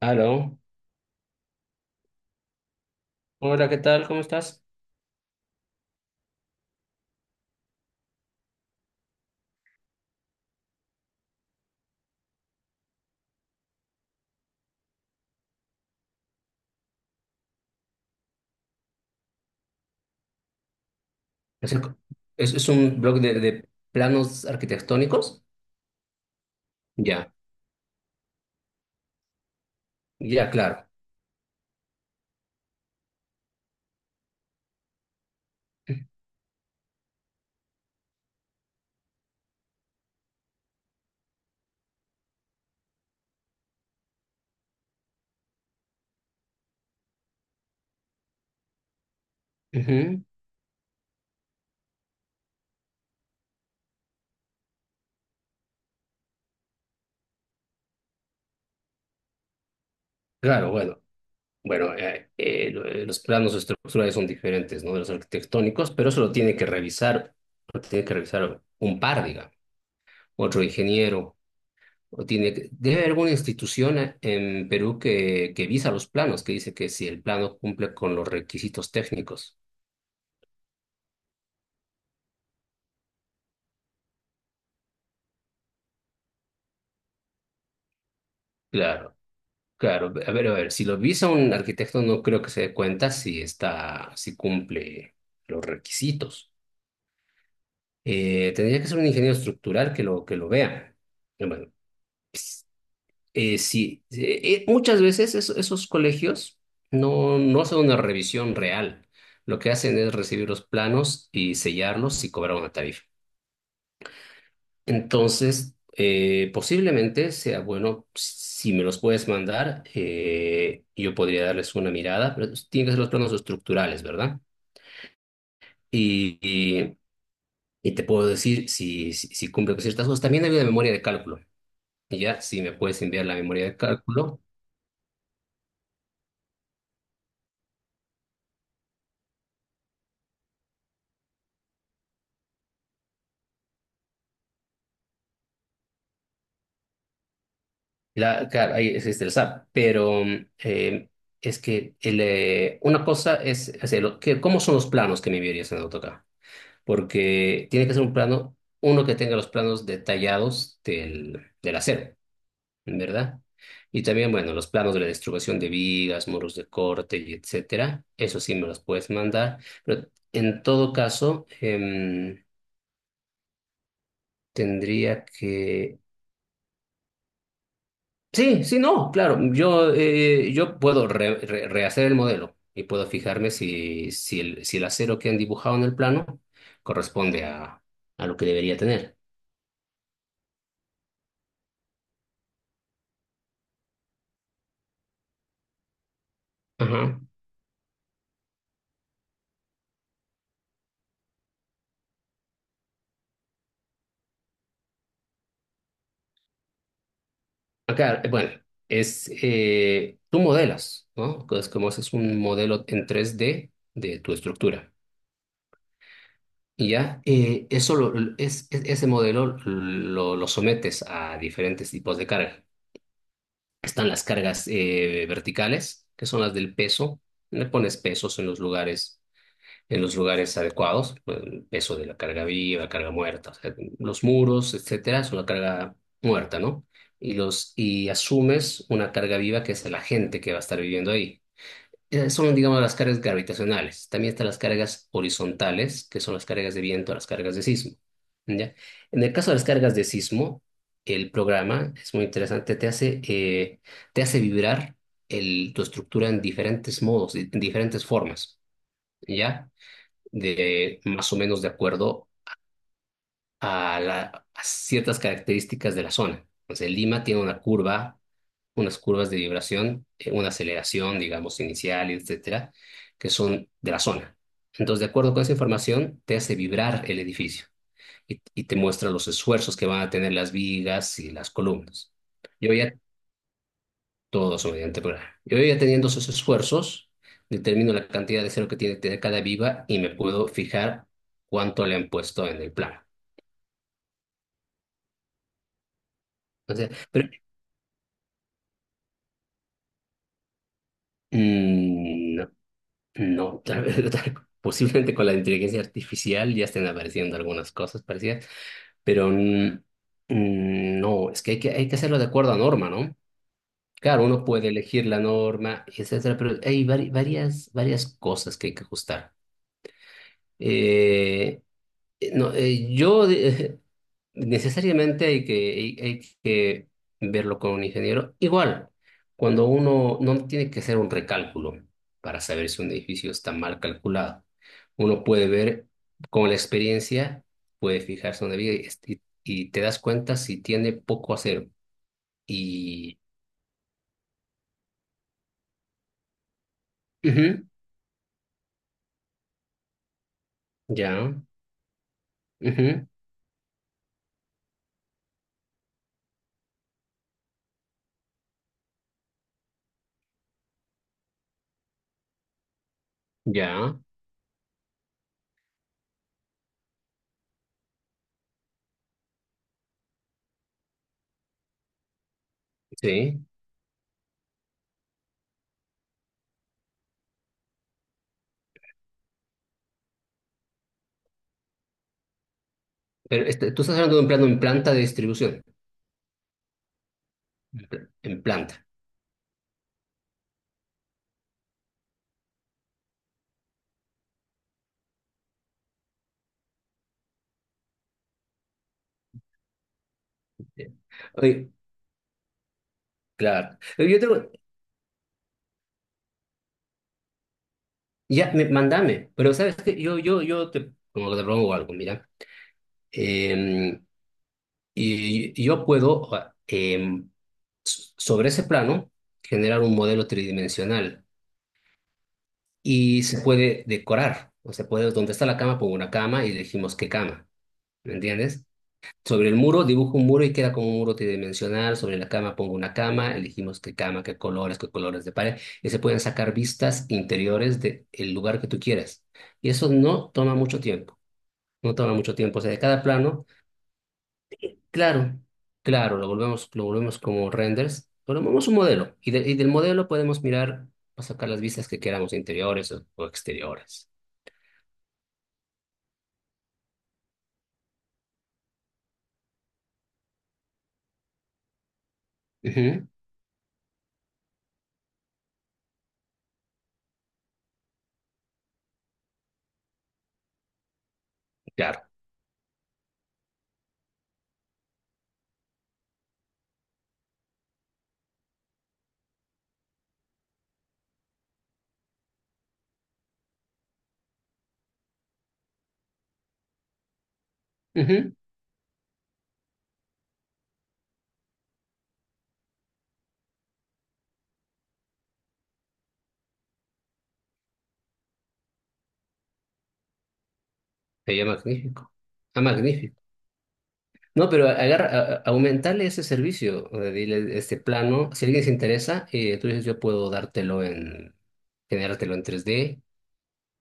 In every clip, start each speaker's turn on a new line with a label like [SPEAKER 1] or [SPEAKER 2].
[SPEAKER 1] Aló, hola, ¿qué tal? ¿Cómo estás? ¿Es, el- ¿Es un blog de planos arquitectónicos? Ya, ya, claro. Ujú. Claro, bueno, bueno, los planos estructurales son diferentes, ¿no? De los arquitectónicos, pero eso lo tiene que revisar, lo tiene que revisar un par, digamos, otro ingeniero, o debe haber alguna institución en Perú que visa los planos, que dice que si el plano cumple con los requisitos técnicos. Claro. Claro, a ver, si lo visa un arquitecto no creo que se dé cuenta si está, si cumple los requisitos. Tendría que ser un ingeniero estructural que lo vea. Bueno, ps- sí, muchas veces esos colegios no hacen una revisión real. Lo que hacen es recibir los planos y sellarlos y cobrar una tarifa. Entonces, posiblemente sea bueno, si me los puedes mandar, yo podría darles una mirada, pero tienen que ser los planos estructurales, ¿verdad? Y, y, y te puedo decir si cumple con ciertas cosas. También hay una memoria de cálculo, y ya, si me puedes enviar la memoria de cálculo, claro, ahí existe el SAP, pero es que una cosa es, ¿cómo son los planos que me enviarías en AutoCAD? Porque tiene que ser un plano, uno que tenga los planos detallados del, del acero, ¿verdad? Y también, bueno, los planos de la distribución de vigas, muros de corte y etcétera, eso sí me los puedes mandar, pero en todo caso, tendría que... Sí, sí, no, claro, yo, yo puedo rehacer el modelo y puedo fijarme si el acero que han dibujado en el plano corresponde a lo que debería tener. Ajá. Acá, bueno, tú modelas, ¿no? Es como haces un modelo en 3D de tu estructura. Y ya, eso ese modelo lo sometes a diferentes tipos de carga. Están las cargas verticales, que son las del peso. Le pones pesos en los lugares adecuados, pues, el peso de la carga viva, carga muerta, o sea, los muros, etcétera, es una carga muerta, ¿no? Y asumes una carga viva que es la gente que va a estar viviendo ahí. Son, digamos, las cargas gravitacionales. También están las cargas horizontales, que son las cargas de viento, las cargas de sismo. ¿Ya? En el caso de las cargas de sismo, el programa es muy interesante, te hace vibrar tu estructura en diferentes modos, en diferentes formas. ¿Ya? De más o menos de acuerdo a, la- a ciertas características de la zona. Entonces, Lima tiene una curva, unas curvas de vibración, una aceleración, digamos, inicial, etcétera, que son de la zona. Entonces, de acuerdo con esa información, te hace vibrar el edificio y te muestra los esfuerzos que van a tener las vigas y las columnas. Yo ya todos mediante programa. Yo ya teniendo esos esfuerzos, determino la cantidad de cero que tiene que tener cada viva y me puedo fijar cuánto le han puesto en el plano. Entonces, pero no, no, posiblemente con la inteligencia artificial ya estén apareciendo algunas cosas parecidas, pero no, es que hay que hacerlo de acuerdo a norma, ¿no? Claro, uno puede elegir la norma, etcétera, pero hay varias, varias cosas que hay que ajustar. Eh, No, yo necesariamente hay que verlo con un ingeniero. Igual, cuando uno no tiene que hacer un recálculo para saber si un edificio está mal calculado, uno puede ver con la experiencia, puede fijarse donde vive y, y te das cuenta si tiene poco acero. Y ujú, ya, ujú, ya, sí. Pero este, tú estás hablando de un plano en planta de distribución, en planta. Oye, claro. Pero yo tengo, ya, me, mandame, pero sabes que yo, yo te, como que te propongo algo, mira. Em, y yo puedo, sobre ese plano, generar un modelo tridimensional y se puede decorar. O sea, puede, donde está la cama, pongo una cama y elegimos qué cama. ¿Me entiendes? Sobre el muro dibujo un muro y queda como un muro tridimensional. Sobre la cama pongo una cama, elegimos qué cama, qué colores de pared. Y se pueden sacar vistas interiores del lugar que tú quieras. Y eso no toma mucho tiempo, no toma mucho tiempo. O sea, de cada plano, claro, claro, lo volvemos como renders, volvemos un modelo. Y del modelo podemos mirar, o sacar las vistas que queramos, interiores o exteriores. Ujú, claro. Ujú. Sería magnífico. Ah, magnífico. No, pero agarra, aumentarle ese servicio, o dile este plano. Si alguien se interesa, tú dices, yo puedo dártelo en, generártelo en 3D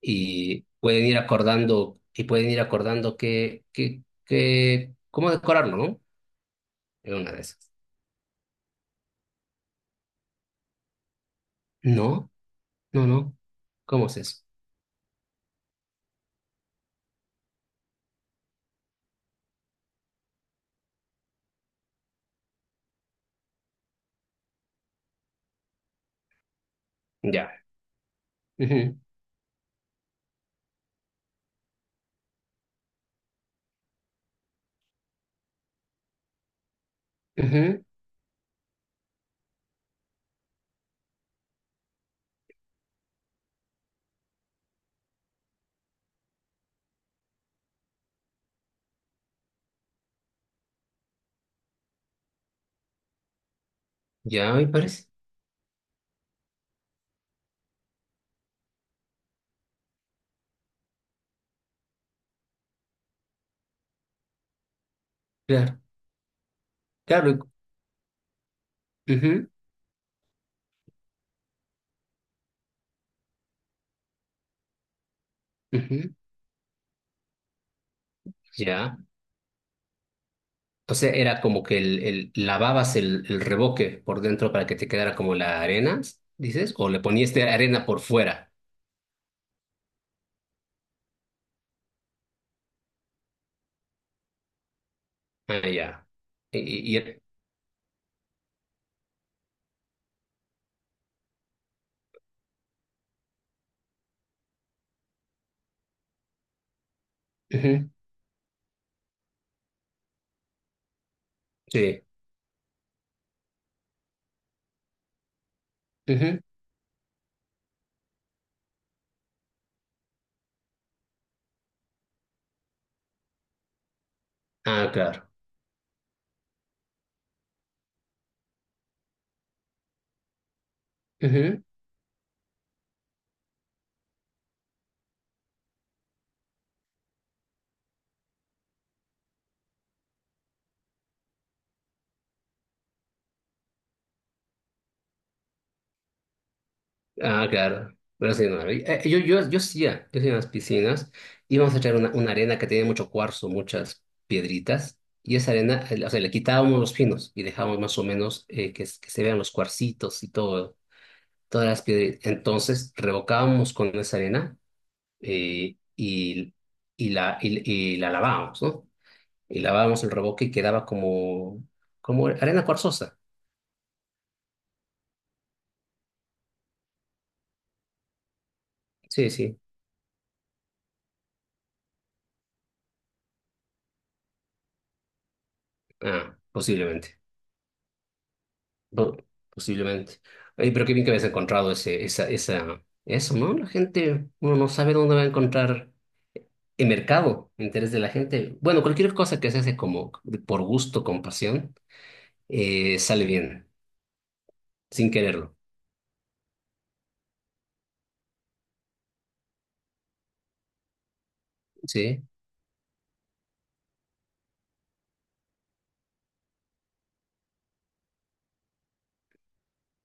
[SPEAKER 1] y pueden ir acordando, y pueden ir acordando que, cómo decorarlo, ¿no? En una de esas. No, no, no. ¿Cómo es eso? Ya. Ujú, ujú. Ya me parece. Claro, claro. Ujú, ujú. Ya. O sea, era como que lavabas el revoque por dentro para que te quedara como la arena, dices, o le ponías de arena por fuera. Ah, ya. Y, y- y- ujú, sí. Ujú. Ah, claro. Ujú. Ah, claro. Pero sí, no, yo, yo hacía en las piscinas, íbamos a echar una arena que tenía mucho cuarzo, muchas piedritas, y esa arena, o sea, le quitábamos los finos y dejábamos más o menos que se vean los cuarcitos y todo. Todas las piedritas. Entonces revocábamos con esa arena eh, y, y, la, y, y la lavábamos, ¿no? Y lavábamos el revoque y quedaba como, como arena cuarzosa. Sí, sí. Ah, posiblemente. Po- posiblemente. Oye, pero qué bien que habías encontrado ese, eso, ¿no? La gente, uno no sabe dónde va a encontrar el mercado, el interés de la gente. Bueno, cualquier cosa que se hace como por gusto, con pasión, sale bien, sin quererlo, ¿sí?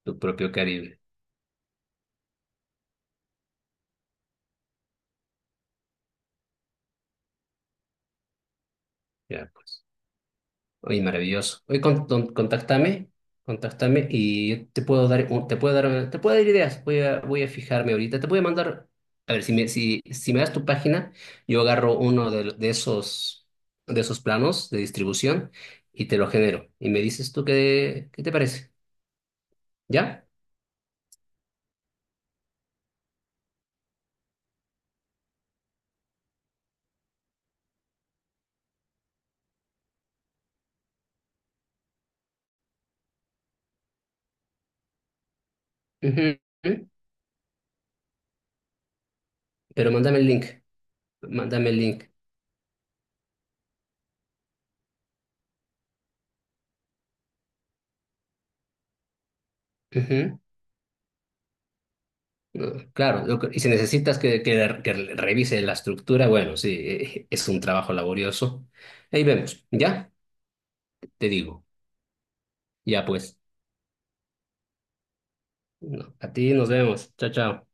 [SPEAKER 1] Tu propio Caribe. Ya, pues. Oye, maravilloso. Oye, contáctame, contáctame y te puedo dar, te puedo dar, te puedo dar ideas. Voy a fijarme ahorita. Te voy a mandar, a ver, si me das tu página, yo agarro uno de esos planos de distribución y te lo genero. Y me dices tú qué te parece. ¿Ya? Ujú, ujú. Pero mándame el link. Mándame el link. Ujú. No, claro, y si necesitas que revise la estructura, bueno, sí, es un trabajo laborioso. Ahí vemos, ¿ya? Te digo, ya pues, no, a ti nos vemos, chao, chao.